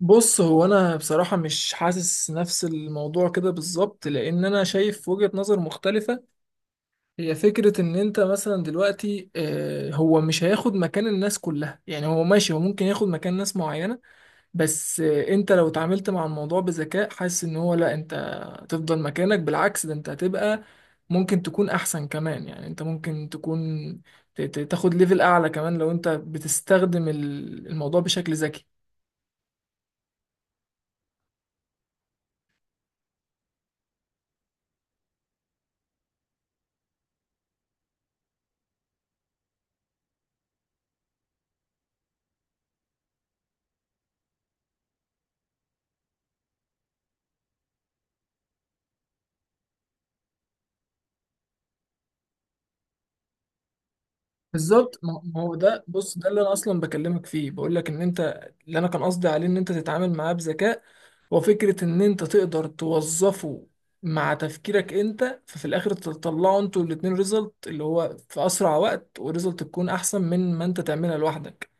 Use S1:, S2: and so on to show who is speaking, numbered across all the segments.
S1: بص، هو انا بصراحة مش حاسس نفس الموضوع كده بالظبط، لان انا شايف وجهة نظر مختلفة. هي فكرة ان انت مثلا دلوقتي هو مش هياخد مكان الناس كلها، يعني هو ماشي، هو ممكن ياخد مكان ناس معينة. بس انت لو اتعاملت مع الموضوع بذكاء، حاسس ان هو لا، انت هتفضل مكانك. بالعكس، ده انت هتبقى ممكن تكون احسن كمان. يعني انت ممكن تكون تاخد ليفل اعلى كمان لو انت بتستخدم الموضوع بشكل ذكي. بالظبط، ما هو ده، بص، ده اللي انا اصلا بكلمك فيه، بقول لك ان انت، اللي انا كان قصدي عليه، ان انت تتعامل معاه بذكاء، وفكرة ان انت تقدر توظفه مع تفكيرك انت، ففي الاخر تطلعوا انتوا الاتنين ريزلت اللي هو في اسرع وقت، وريزلت تكون احسن من ما انت تعملها لوحدك.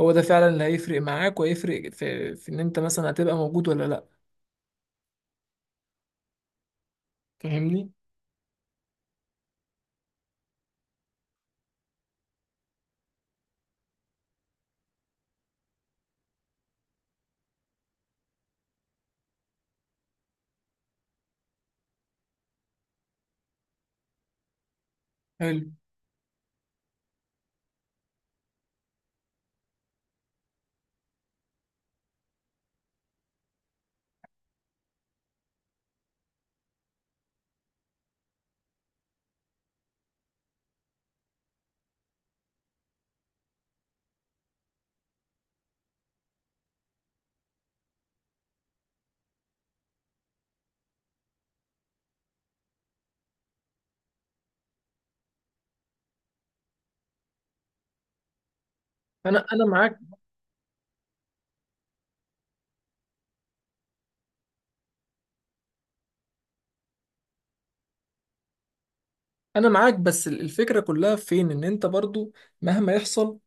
S1: هو ده فعلا اللي هيفرق معاك، وهيفرق في ان انت مثلا هتبقى موجود ولا لا. فاهمني؟ حلو. انا معاك. انا معاك، بس الفكرة كلها فين؟ ان انت برضو مهما يحصل،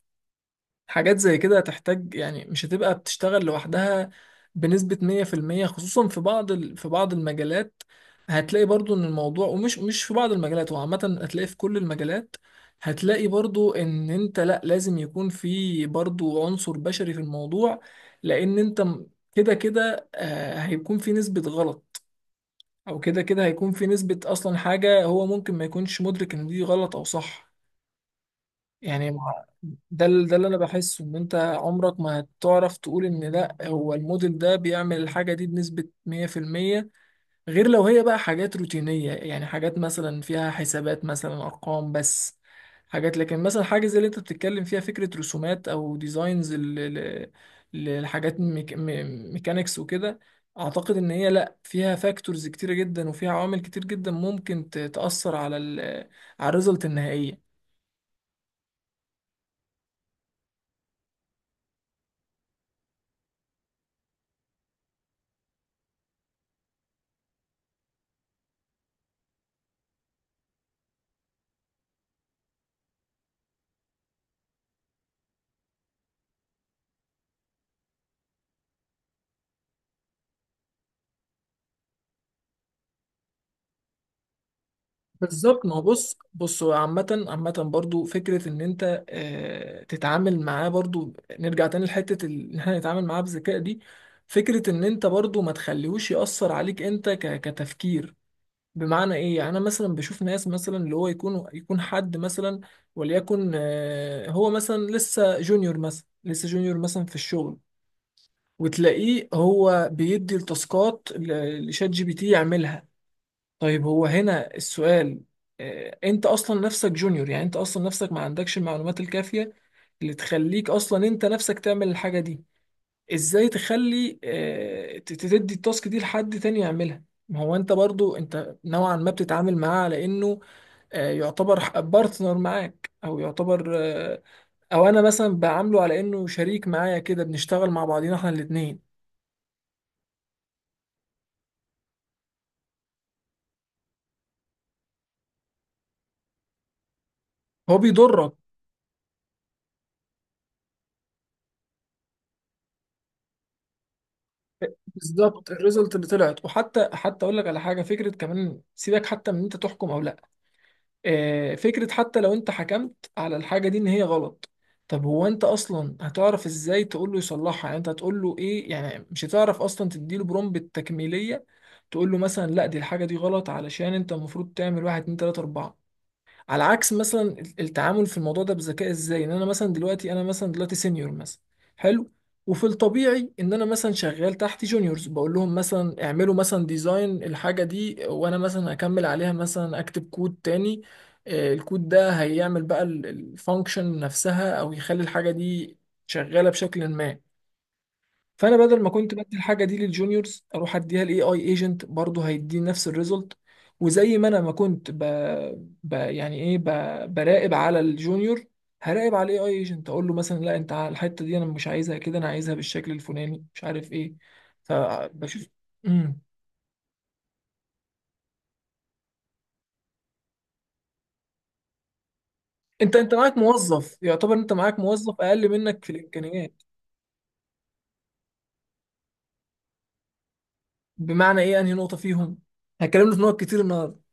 S1: حاجات زي كده هتحتاج، يعني مش هتبقى بتشتغل لوحدها بنسبة 100%، خصوصا في بعض في بعض المجالات. هتلاقي برضو ان الموضوع، ومش مش في بعض المجالات، هو عامة هتلاقي في كل المجالات. هتلاقي برضو ان انت لا، لازم يكون في برضو عنصر بشري في الموضوع. لان انت كده كده هيكون في نسبة غلط. او كده كده هيكون في نسبة اصلا حاجة هو ممكن ما يكونش مدرك ان دي غلط او صح. يعني ما- ده ده اللي انا بحسه، ان انت عمرك ما هتعرف تقول ان لا، هو الموديل ده بيعمل الحاجه دي بنسبه 100%. غير لو هي بقى حاجات روتينيه، يعني حاجات مثلا فيها حسابات، مثلا ارقام بس، حاجات. لكن مثلا حاجه زي اللي انت بتتكلم فيها، فكره رسومات او ديزاينز للحاجات ميكانيكس وكده، اعتقد ان هي لا، فيها فاكتورز كتيره جدا، وفيها عوامل كتير جدا ممكن تاثر على على الريزلت النهائيه. بالظبط. ما هو، بص هو عامة، عامة برضو فكرة إن أنت تتعامل معاه برضو. نرجع تاني لحتة إن احنا نتعامل معاه بذكاء دي. فكرة إن أنت برضو ما تخليهوش يأثر عليك أنت كتفكير. بمعنى إيه؟ يعني أنا مثلا بشوف ناس، مثلا اللي هو يكون، حد مثلا، وليكن هو مثلا لسه جونيور، مثلا لسه جونيور مثلا في الشغل، وتلاقيه هو بيدي التاسكات لشات جي بي تي يعملها. طيب هو هنا السؤال، انت اصلا نفسك جونيور. يعني انت اصلا نفسك ما عندكش المعلومات الكافية اللي تخليك اصلا انت نفسك تعمل الحاجة دي. ازاي تخلي، تدي التاسك دي لحد تاني يعملها؟ ما هو انت برضو انت نوعا ما بتتعامل معاه على انه يعتبر بارتنر معاك، او يعتبر او انا مثلا بعامله على انه شريك معايا، كده بنشتغل مع بعضينا احنا الاتنين. هو بيضرك. بالظبط، الريزلت اللي طلعت. وحتى، اقول لك على حاجه، فكره كمان، سيبك حتى من انت تحكم او لا، فكره حتى لو انت حكمت على الحاجه دي ان هي غلط، طب هو انت اصلا هتعرف ازاي تقول له يصلحها؟ يعني انت هتقول له ايه؟ يعني مش هتعرف اصلا تديله برومبت التكميليه، تقول له مثلا لا، دي الحاجه دي غلط، علشان انت المفروض تعمل واحد اتنين تلاته اربعه. على عكس مثلا التعامل في الموضوع ده بذكاء. ازاي؟ ان انا مثلا دلوقتي، سينيور مثلا. حلو. وفي الطبيعي ان انا مثلا شغال تحت جونيورز، بقول لهم مثلا اعملوا مثلا ديزاين الحاجه دي، وانا مثلا اكمل عليها، مثلا اكتب كود تاني. الكود ده هيعمل بقى الفانكشن نفسها، او يخلي الحاجه دي شغاله بشكل ما. فانا بدل ما كنت بدي الحاجه دي للجونيورز، اروح اديها لاي اي ايجنت، برضه هيديني نفس الريزلت. وزي ما انا ما كنت ب... ب... يعني ايه ب... براقب على الجونيور، هراقب على الاي اي ايجنت، اقول له مثلا لا، انت على الحته دي انا مش عايزها كده، انا عايزها بالشكل الفلاني مش عارف ايه. فبشوف. امم انت معاك موظف، يعتبر انت معاك موظف اقل منك في الامكانيات. بمعنى ايه؟ انهي نقطه فيهم؟ هتكلمنا في نقط كتير النهارده.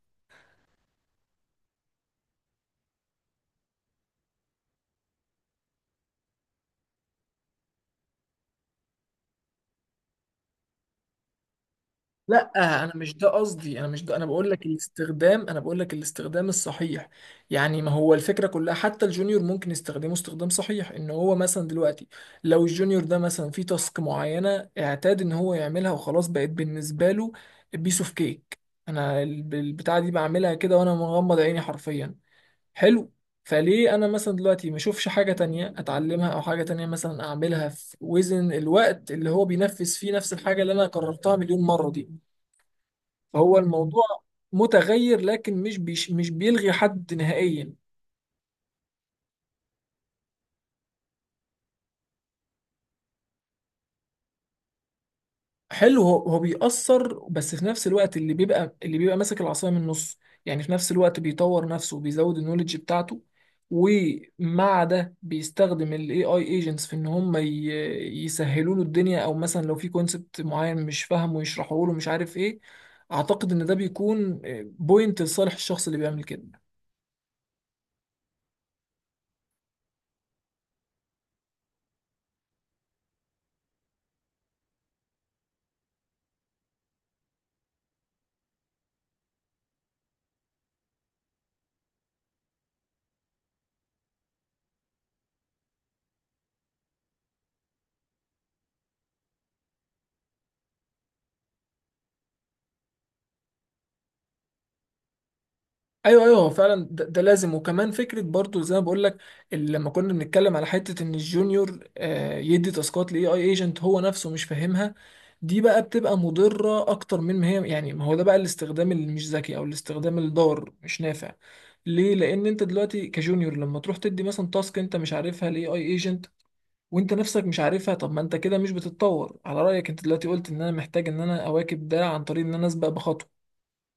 S1: لا، انا مش ده قصدي، انا مش ده انا بقول لك الاستخدام، انا بقول لك الاستخدام الصحيح. يعني ما هو الفكره كلها، حتى الجونيور ممكن يستخدمه استخدام صحيح. ان هو مثلا دلوقتي، لو الجونيور ده مثلا في تاسك معينه اعتاد ان هو يعملها وخلاص، بقت بالنسبه له بيس اوف كيك. انا البتاعه دي بعملها كده وانا مغمض عيني حرفيا. حلو. فليه انا مثلا دلوقتي ما اشوفش حاجه تانية اتعلمها، او حاجه تانية مثلا اعملها في وزن الوقت اللي هو بينفذ فيه نفس الحاجه اللي انا قررتها مليون مره دي؟ فهو الموضوع متغير، لكن مش بيلغي حد نهائيا. حلو. هو بيأثر، بس في نفس الوقت، اللي بيبقى، اللي بيبقى ماسك العصاية من النص، يعني في نفس الوقت بيطور نفسه وبيزود النولج بتاعته، ومع ده بيستخدم الاي اي ايجنتس في ان يسهلوا له الدنيا، او مثلا لو في كونسبت معين مش فاهمه يشرحه له مش عارف ايه. اعتقد ان ده بيكون بوينت لصالح الشخص اللي بيعمل كده. ايوه، ايوه. هو فعلا ده لازم، وكمان فكره برضو زي ما بقول لك، لما كنا بنتكلم على حته ان الجونيور يدي تاسكات لاي اي ايجنت هو نفسه مش فاهمها، دي بقى بتبقى مضره اكتر من ما هي، يعني ما هو ده بقى الاستخدام اللي مش ذكي، او الاستخدام الضار مش نافع. ليه؟ لان انت دلوقتي كجونيور، لما تروح تدي مثلا تاسك انت مش عارفها لاي اي ايجنت وانت نفسك مش عارفها، طب ما انت كده مش بتتطور. على رايك انت دلوقتي قلت ان انا محتاج ان انا اواكب ده عن طريق ان انا اسبق بخطوه،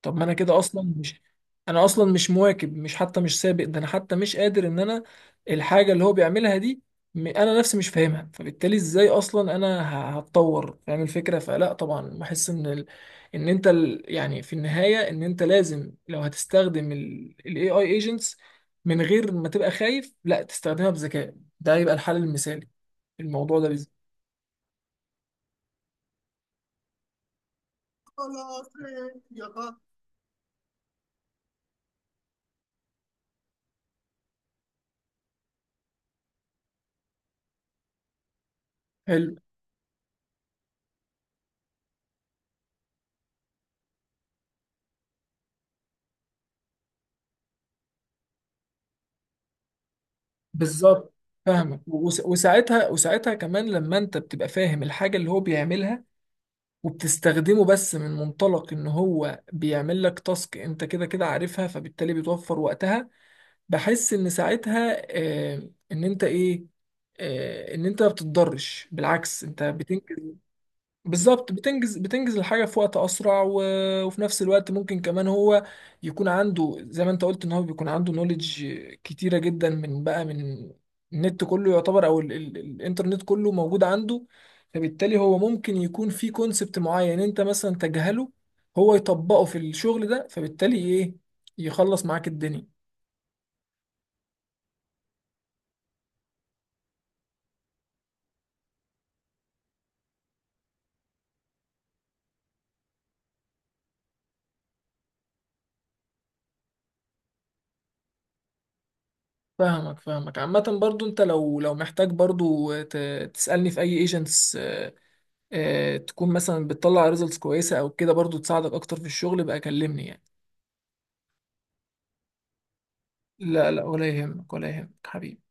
S1: طب ما انا كده اصلا مش، انا اصلا مش مواكب، مش سابق، ده انا حتى مش قادر ان انا الحاجه اللي هو بيعملها دي، انا نفسي مش فاهمها، فبالتالي ازاي اصلا انا هتطور؟ فاهم الفكره؟ فلا، طبعا بحس ان ال... ان انت ال... يعني في النهايه، ان انت لازم لو هتستخدم الاي اي ايجنتس من غير ما تبقى خايف، لا، تستخدمها بذكاء، ده يبقى الحل المثالي الموضوع ده بالذات. حلو. بالظبط، فاهمك. وساعتها، كمان لما انت بتبقى فاهم الحاجة اللي هو بيعملها، وبتستخدمه بس من منطلق ان هو بيعمل لك تاسك انت كده كده عارفها، فبالتالي بتوفر وقتها. بحس ان ساعتها آه، ان انت ايه ان انت ما بتتضرش، بالعكس انت بتنجز. بالظبط، بتنجز الحاجة في وقت أسرع. و... وفي نفس الوقت ممكن كمان هو يكون عنده، زي ما أنت قلت، إن هو بيكون عنده نوليدج كتيرة جدا من، بقى، من النت كله يعتبر، أو الإنترنت كله موجود عنده، فبالتالي هو ممكن يكون في كونسبت معين، يعني أنت مثلا تجهله، هو يطبقه في الشغل ده، فبالتالي إيه؟ يخلص معاك الدنيا. فاهمك، فاهمك. عامة برضو أنت لو، محتاج برضو تسألني في أي ايجنتس، تكون مثلا بتطلع ريزلتس كويسه او كده، برضو تساعدك اكتر في الشغل بقى، كلمني يعني. لا، لا، ولا يهمك، ولا يهمك حبيبي.